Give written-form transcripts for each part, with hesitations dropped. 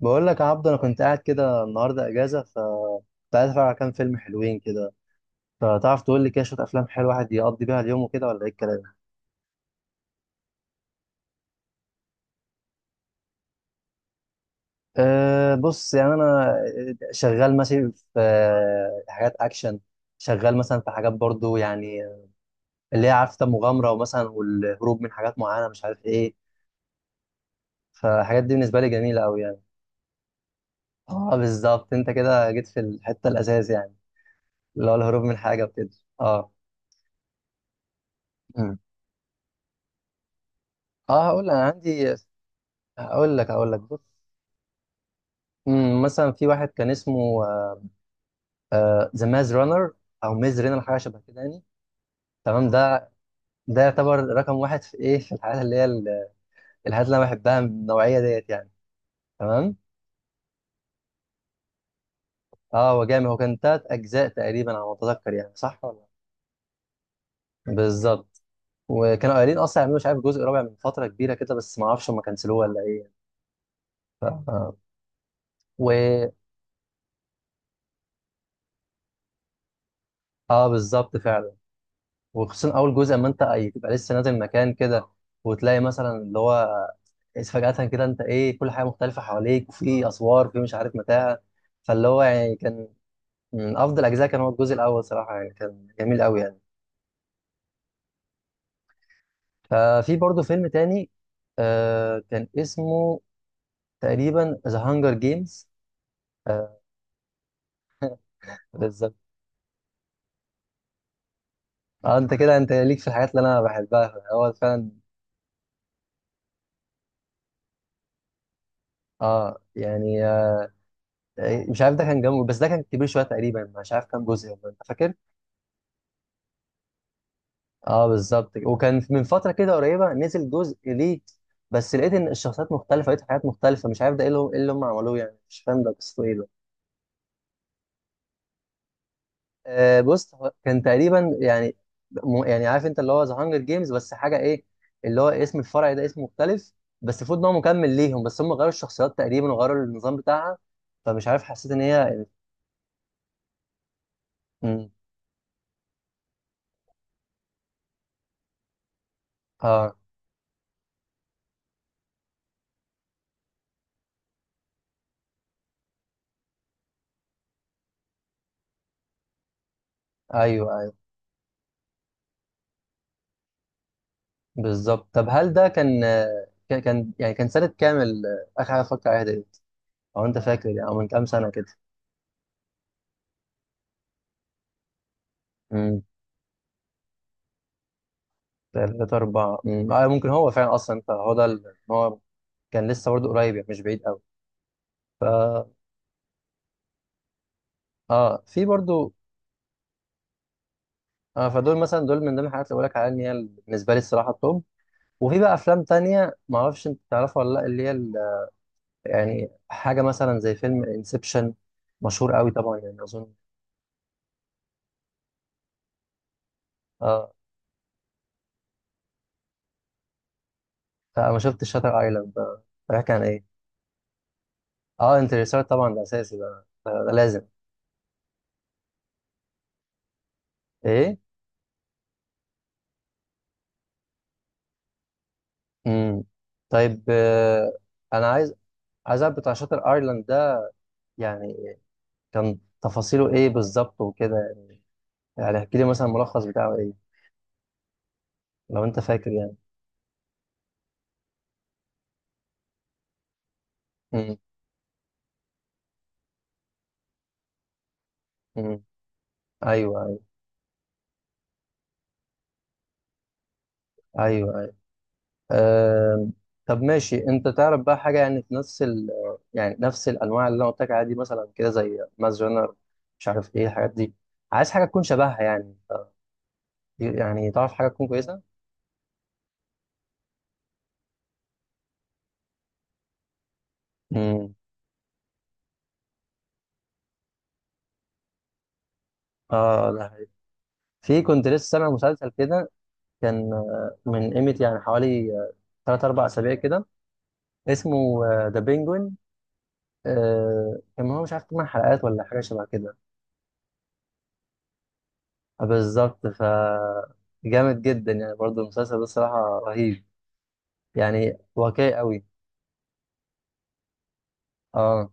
بقول لك يا عبدو، انا كنت قاعد كده النهارده اجازه. كنت عايز اتفرج على كام فيلم حلوين كده. فتعرف تقول لي كده شويه افلام حلوه الواحد يقضي بيها اليوم وكده، ولا ايه الكلام؟ بص يعني انا شغال ماشي في حاجات اكشن. شغال مثلا في حاجات برضو يعني، اللي هي عارفه، مغامره ومثلا والهروب من حاجات معينه، مش عارف ايه. فالحاجات دي بالنسبه لي جميله قوي يعني. اه، بالظبط. انت كده جيت في الحته الاساس يعني، اللي هو الهروب من حاجه وكده. اه. مم. اه، هقول لك، انا عندي هقول لك هقول لك بص. مثلا في واحد كان اسمه ذا ماز رانر، او ميز رينر، حاجه شبه كده يعني. تمام، ده ده يعتبر رقم واحد في ايه، في الحاجات اللي هي الحاجات اللي انا بحبها من النوعيه ديت يعني. تمام. اه، هو جامد. هو كان 3 اجزاء تقريبا على ما اتذكر يعني، صح ولا؟ لا؟ بالظبط. وكانوا قايلين اصلا يعملوا مش عارف جزء رابع من فتره كبيره كده، بس ما اعرفش هم كنسلوه ولا ايه يعني. ف... آه. و اه، بالظبط فعلا. وخصوصا اول جزء، ما انت تبقى لسه نازل مكان كده، وتلاقي مثلا اللي هو فجأة كده انت ايه كل حاجه مختلفه حواليك، وفي اسوار، وفي مش عارف متاهه. فاللي هو يعني كان من افضل اجزاء، كان هو الجزء الاول صراحه يعني، كان جميل قوي يعني. ففي برضه فيلم تاني، كان اسمه تقريبا ذا هانجر جيمز. بالظبط. اه، انت كده، انت ليك في الحاجات اللي انا بحبها، هو فعلا. اه يعني مش عارف، ده كان جنبه، بس ده كان كبير شويه تقريبا، مش عارف كام جزء والله. انت فاكر؟ اه، بالظبط كده. وكان من فتره كده قريبه نزل جزء ليه، بس لقيت ان الشخصيات مختلفه، لقيت حاجات مختلفه، مش عارف ده ايه اللي هم, إيه اللي هم عملوه يعني، مش فاهم ده قصته ايه ده. بص، هو كان تقريبا يعني، يعني عارف انت اللي هو ذا هانجر جيمز، بس حاجه ايه، اللي هو اسم الفرع ده اسم مختلف. بس المفروض ان هو مكمل ليهم، بس هم غيروا الشخصيات تقريبا، وغيروا النظام بتاعها. فمش عارف، حسيت ان هي مم. اه. ايوه، ايوه. بالظبط. طب هل ده كان يعني كان سنه كامل اخر حاجه اتفرجت عليها ده؟ او انت فاكر يعني؟ او من كام سنه كده؟ امم. 3 4، ممكن هو فعلا أصلا، فهو ده هو كان لسه برضه قريب يعني، مش بعيد أوي. فا في برضه فدول مثلا، دول من ضمن الحاجات اللي بقولك عليها إن هي بالنسبة لي الصراحة التوب. وفي بقى أفلام تانية، معرفش أنت تعرفها ولا لأ، اللي هي يعني حاجة مثلا زي فيلم انسبشن، مشهور أوي طبعا يعني أظن. آه أنا ما شفتش شاتر أيلاند ده. بيحكي عن إيه؟ انترستيلر طبعا، ده أساسي، ده لازم. إيه؟ امم طيب، انا عايز اعرف بتاع شاطر ايرلاند ده، يعني كان تفاصيله ايه بالظبط وكده. يعني احكي لي مثلا الملخص بتاعه ايه، لو انت فاكر يعني. امم. امم. ايوه، ايوه. ايوه، ايوه. أم. طب ماشي، انت تعرف بقى حاجه يعني في نفس يعني نفس الانواع اللي انا قلت لك عليها دي، مثلا كده زي ماس جنر، مش عارف ايه الحاجات دي. عايز حاجه تكون شبهها يعني، يعني تعرف حاجه تكون كويسه. امم. اه، ده حقيقي. في كنت لسه سامع مسلسل كده، كان من قيمة يعني حوالي 3 4 أسابيع كده، اسمه ذا بينجوين. كان هو مش عارف 8 حلقات ولا حاجة شبه كده. بالظبط. جامد جدا يعني، برضه المسلسل ده الصراحة رهيب، يعني واقعي قوي. اه.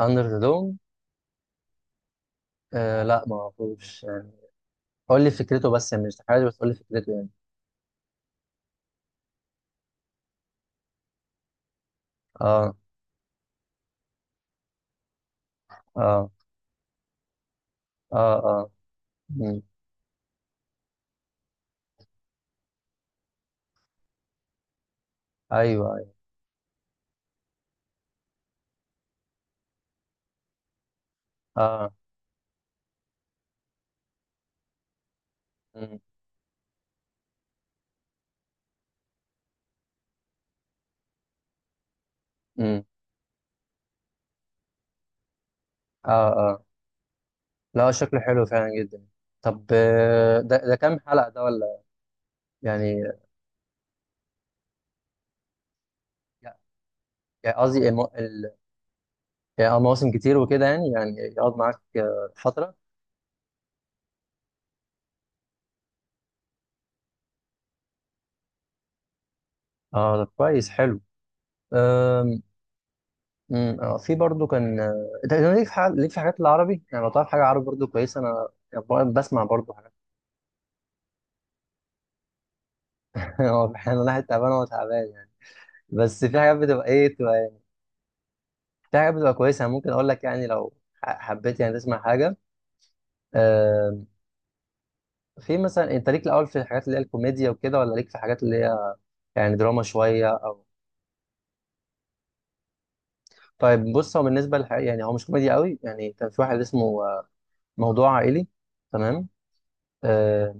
أندر ذا دوم. لا، ما اعرفوش يعني. قول لي فكرته بس يعني، مش حاجة، بس قول لي فكرته يعني. اه، اه. اه، اه. مم. ايوه، ايوه. اه. مم. مم. اه، آه. لا، شكله حلو فعلا جدا. طب، ده كام حلقة ده ولا؟ يعني، يعني قصدي يعني مواسم كتير وكده، يعني يقعد معاك فترة. اه، طب كويس، حلو. أم، أم، آه، في برضو كان انت ليك في حاجات العربي، يعني لو تعرف حاجة عربي برضو كويسة، انا يعني بقعد بسمع برضو حاجات. هو احيانا الواحد تعبان، هو تعبان يعني، بس في حاجات بتبقى ايه، بتبقى في حاجات بتبقى كويسة. أنا ممكن اقول لك يعني، لو حبيت يعني تسمع حاجة، آه، في مثلا، انت ليك الاول في الحاجات اللي هي الكوميديا وكده، ولا ليك في حاجات اللي هي يعني دراما شويه او؟ طيب بص، هو بالنسبه يعني هو مش كوميديا قوي يعني، كان في واحد اسمه موضوع عائلي. تمام. آه،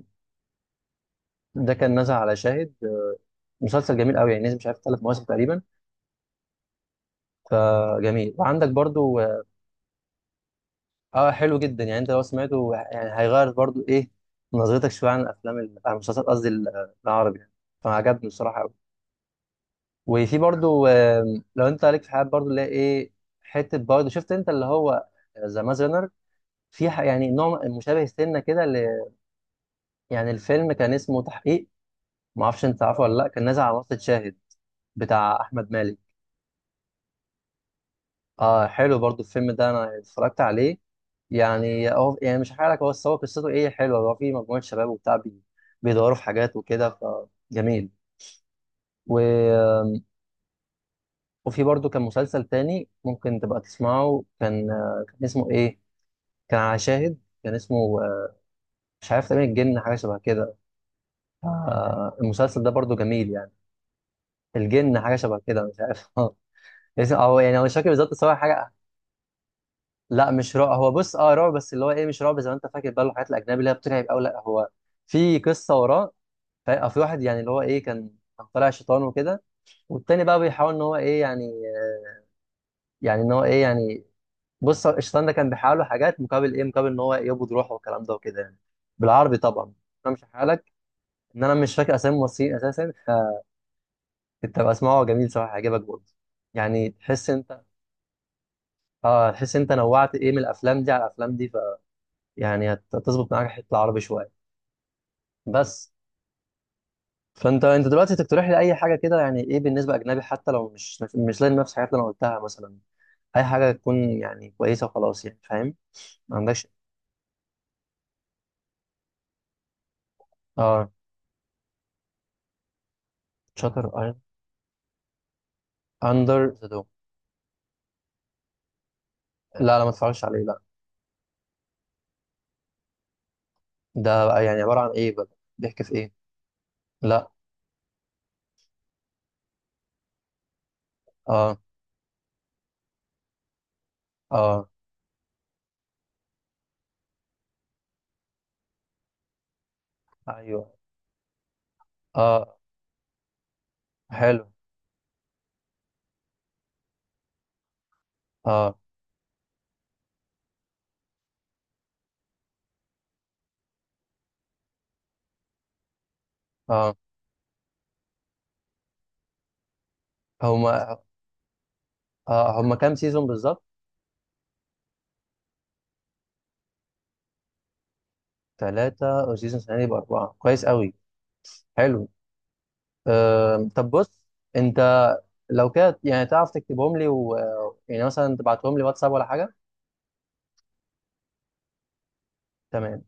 ده كان نزل على شاهد، مسلسل جميل قوي يعني، نزل مش عارف 3 مواسم تقريبا. فجميل. وعندك برضو اه، حلو جدا يعني. انت لو سمعته يعني هيغير برضو ايه نظرتك شويه عن الافلام عن المسلسلات قصدي، العربي يعني. فعجبني بصراحه قوي. وفي برضو، لو انت عليك في حاجات برضو اللي هي ايه، حته برضو، شفت انت اللي هو ذا مازنر؟ في يعني نوع مشابه سنه كده يعني الفيلم كان اسمه تحقيق. ما اعرفش انت عارفه ولا لا، كان نازل على منصه شاهد، بتاع احمد مالك. اه، حلو برضو الفيلم ده، انا اتفرجت عليه. يعني هو يعني مش هحكي لك هو، بس هو قصته ايه، حلوه. هو في مجموعه شباب وبتاع بيدوروا في حاجات وكده. فجميل و... وفي برضو كان مسلسل تاني ممكن تبقى تسمعه، كان اسمه ايه. كان على شاهد. كان اسمه آه، مش عارف تقريبا الجن، حاجه شبه كده. المسلسل ده برضو جميل يعني. الجن حاجه شبه كده، مش عارف. هو مش فاكر بالظبط، بس هو حاجه. لا، مش رعب، هو بص، اه رعب، بس اللي هو ايه، مش رعب زي ما انت فاكر بقى الحاجات الاجنبي اللي هي بترعب، او لا، هو في قصه وراه. في واحد، يعني اللي هو ايه، كان طالع شيطان وكده، والتاني بقى بيحاول ان هو ايه يعني، يعني ان هو ايه يعني، بص، الشيطان ده كان بيحاول له حاجات، مقابل ايه، مقابل ان هو يقبض روحه والكلام ده وكده يعني، بالعربي طبعا. امشي حالك. ان انا مش فاكر اسامي الممثلين اساسا، فكنت بقى اسمعه، جميل صراحه، هيعجبك برضه. يعني تحس انت، اه، تحس انت نوعت ايه من الافلام دي على الافلام دي. يعني هتظبط معاك الحته العربي شويه بس. فانت دلوقتي تقترح لي اي حاجه كده يعني، ايه بالنسبه اجنبي، حتى لو مش لاقي نفس الحاجات اللي انا قلتها مثلا، اي حاجه تكون يعني كويسه وخلاص، يعني فاهم. ما عندكش. اه. شاتر ايلاند. اندر ذا دوم. لا، لا، ما اتفرجش عليه، لا. ده بقى يعني عباره عن ايه بقى؟ بيحكي في ايه؟ لا. اه. اه. ايوه. اه. حلو. اه. اه. هما هما كام سيزون بالظبط؟ 3، والسيزون السنة دي يبقى 4. كويس قوي. حلو. طب بص، أنت، لو كده يعني تعرف تكتبهم لي. يعني مثلا تبعتهم لي واتساب، ولا حاجة؟ تمام.